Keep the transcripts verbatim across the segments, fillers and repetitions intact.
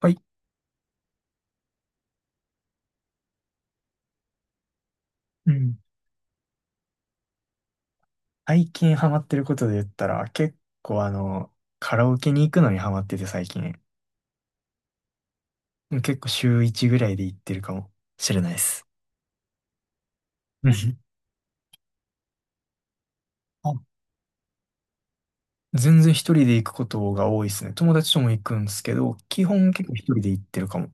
はい。うん。最近ハマってることで言ったら、結構あの、カラオケに行くのにハマってて最近。結構週いちぐらいで行ってるかもしれないです。うん。あ、全然一人で行くことが多いですね。友達とも行くんですけど、基本結構一人で行ってるかも。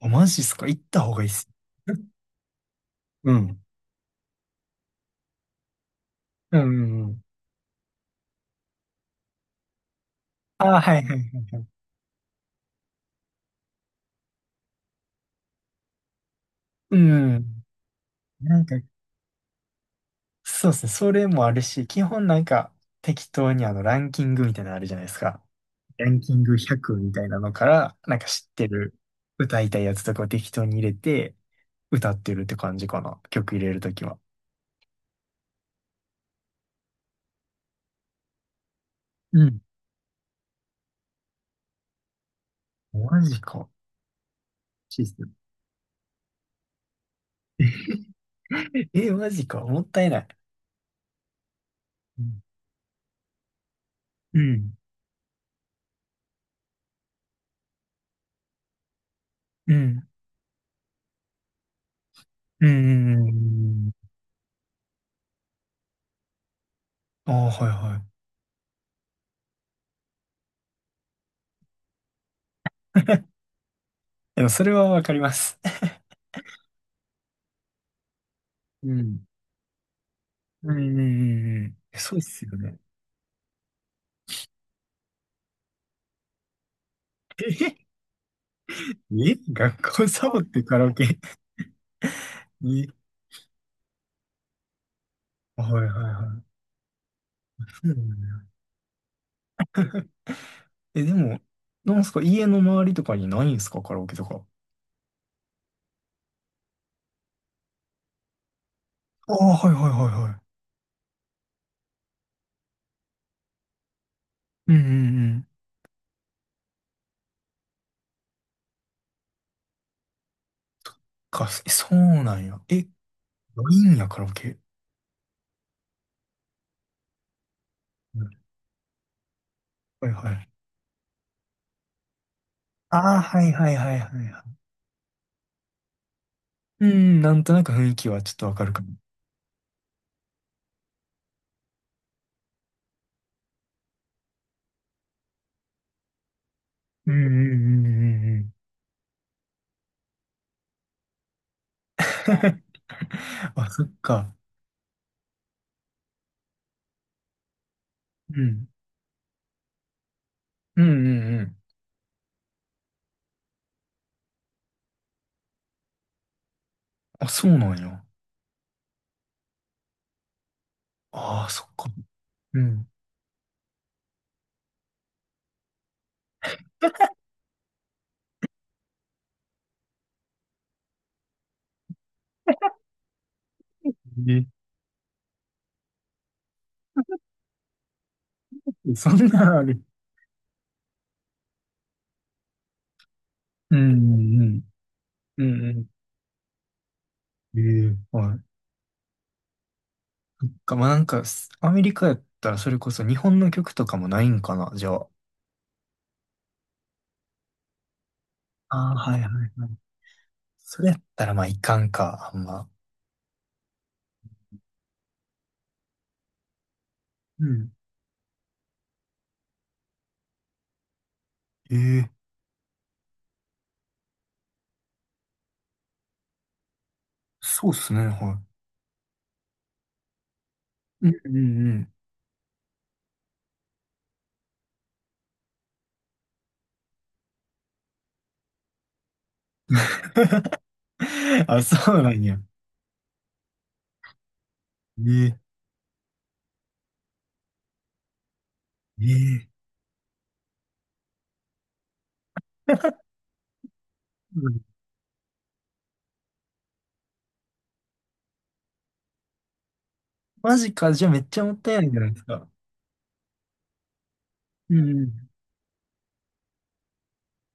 あ、マジっすか？行った方がいいっす。うん。うんうんうん。あ、はいはいはいはい。うん。なんか、そうですね。それもあるし、基本なんか適当にあのランキングみたいなのあるじゃないですか。ランキングひゃくみたいなのから、なんか知ってる歌いたいやつとかを適当に入れて、歌ってるって感じかな。曲入れるときは。うん。マジか。システム。え、マジか。もったいない。うん。うん。うん。うん。うんうん。ああ、はいはい。でもそれはわかります。うん。うんうんうんうん。そうっすよね。え、え、学校サボってカラオケに。あ、はいはいはい。そう。ん、え、でも、なんすか、家の周りとかにないんすか、カラオケとか。ああ、はいはいはいはい。うんうんうん。か、え、そうなんや。え、ないんや、カラオケ。うん。はいはい。ああ、はいはいはいはいはい。うん、なんとなく雰囲気はちょっとわかるかも。うんうんうんうんうん。 あ、そっか。うんうん。うんうんうんうん。あ、そうなんや。ああ、そっか。うん。うん。え、そんなあれ。うんうんうん。うんうん。ええ、はい。か、まあ、なんか、す、アメリカやったらそれこそ日本の曲とかもないんかな、じゃあ。ああ、はいはいはい。それやったらまあいかんか、あんま。うん。ええ、そうっすね、はい。うんうんうん。あ、そうなんや。ええええ。 うん。マジか、じゃあめっちゃもったいないんじゃないですか。うんうん。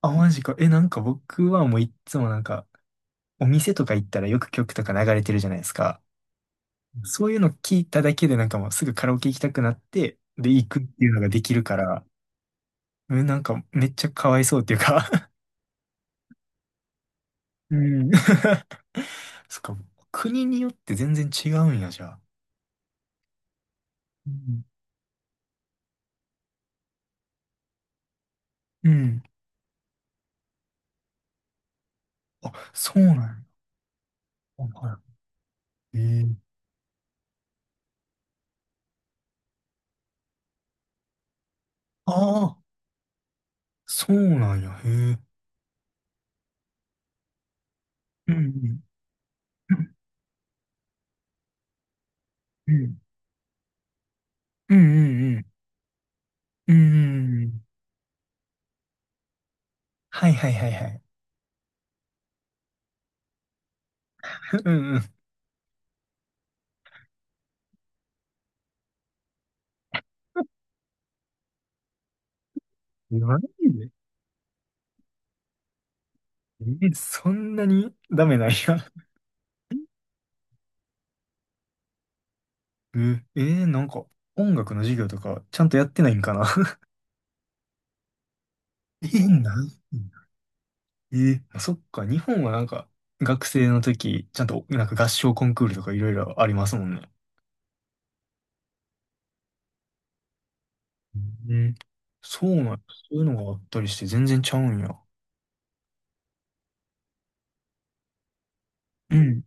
あ、マジか。え、なんか僕はもういっつもなんか、お店とか行ったらよく曲とか流れてるじゃないですか。そういうの聞いただけでなんかもうすぐカラオケ行きたくなって、で、行くっていうのができるから、うん、なんかめっちゃかわいそうっていうか。 うん。そっか、国によって全然違うんや、じゃあ。うん。うん。あ、そうなんや。あ、はい。ええ。ああ、そうなんや。へえ。うん。うん。うん。うんうんうん。うんうんうん。はいはいはいはい。うんうん。マジで。え、そんなにダメなんや。えー、えーなんか、音楽の授業とか、ちゃんとやってないんかな。 えー、なんえー、あ、そっか、日本はなんか、学生の時、ちゃんと、なんか合唱コンクールとかいろいろありますもんね。うん。そうなんや、そういうのがあったりして、全然ちゃうんや。うん。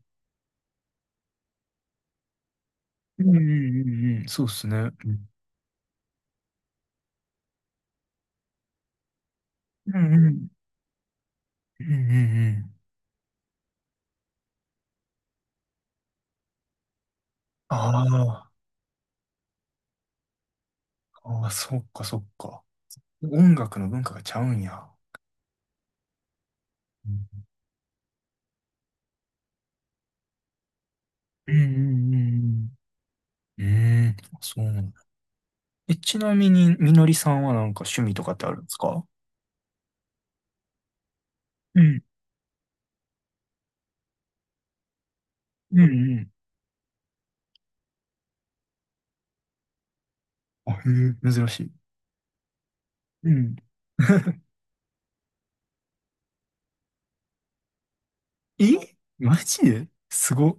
うんうんうんうん。そうっすね。うんうんうんうんうんうん。ああ、ああ、そっかそっか。音楽の文化がちゃうんや。うんうんうんうん。うーん、そう。え、ちなみに、みのりさんはなんか趣味とかってあるんですか？うん、うん、うん、あ、へえ、珍しい。うん。い。え、マジですごっ。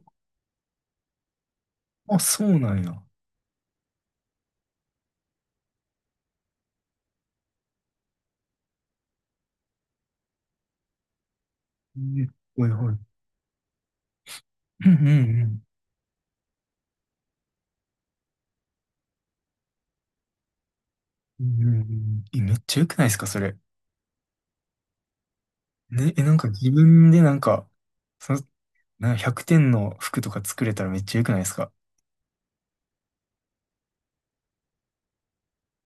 あ、そうなんや。え、はいはい。うんうんうん。うんうんうん。え、めっちゃ良くないですか、それ。ね、え、なんか自分でなんか、その、なんかひゃくてんの服とか作れたらめっちゃ良くないですか？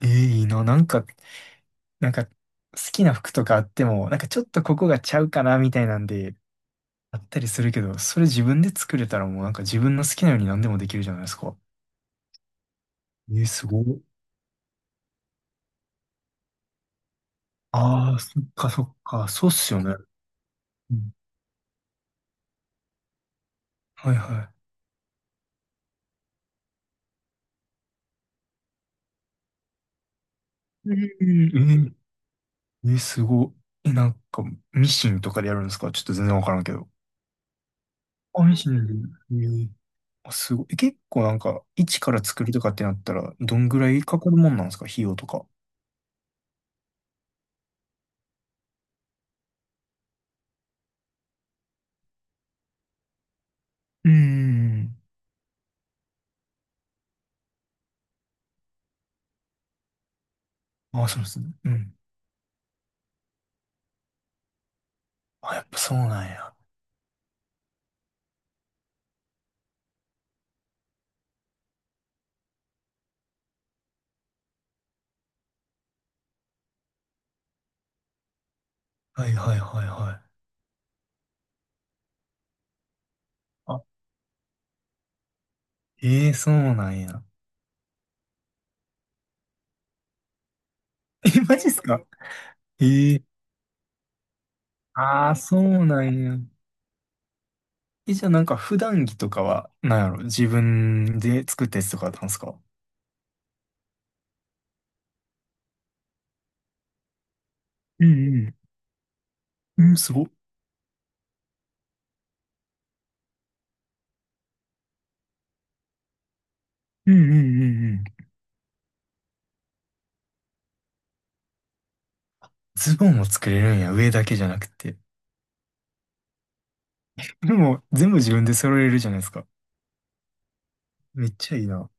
えー、いいな。なんか、なんか、好きな服とかあっても、なんかちょっとここがちゃうかな、みたいなんで、あったりするけど、それ自分で作れたらもうなんか自分の好きなように何でもできるじゃないですか。え、すごい。ああ、そっかそっか、そうっすよね。うん。はいはい。うん。えー、え、すごい。え、なんか、ミシンとかでやるんですか？ちょっと全然わからんけど。あ、ミシンで。ええ、あ、すごい。え、結構なんか、一から作るとかってなったら、どんぐらいかかるもんなんですか？費用とか。うーん。あ、そうですね。うん。あ、やっぱそうなんや。はいはいはいはい。あ、ええ、そうなんや。え、マジっすか？ええ。ああー、そうなんや。え、じゃあなんか普段着とかは、なんやろ、自分で作ったやつとかだったんですか？うんうん。うん、すごっ。うんうんうんうん。ズボンも作れるんや、上だけじゃなくて。でも、全部自分で揃えれるじゃないですか。めっちゃいいな。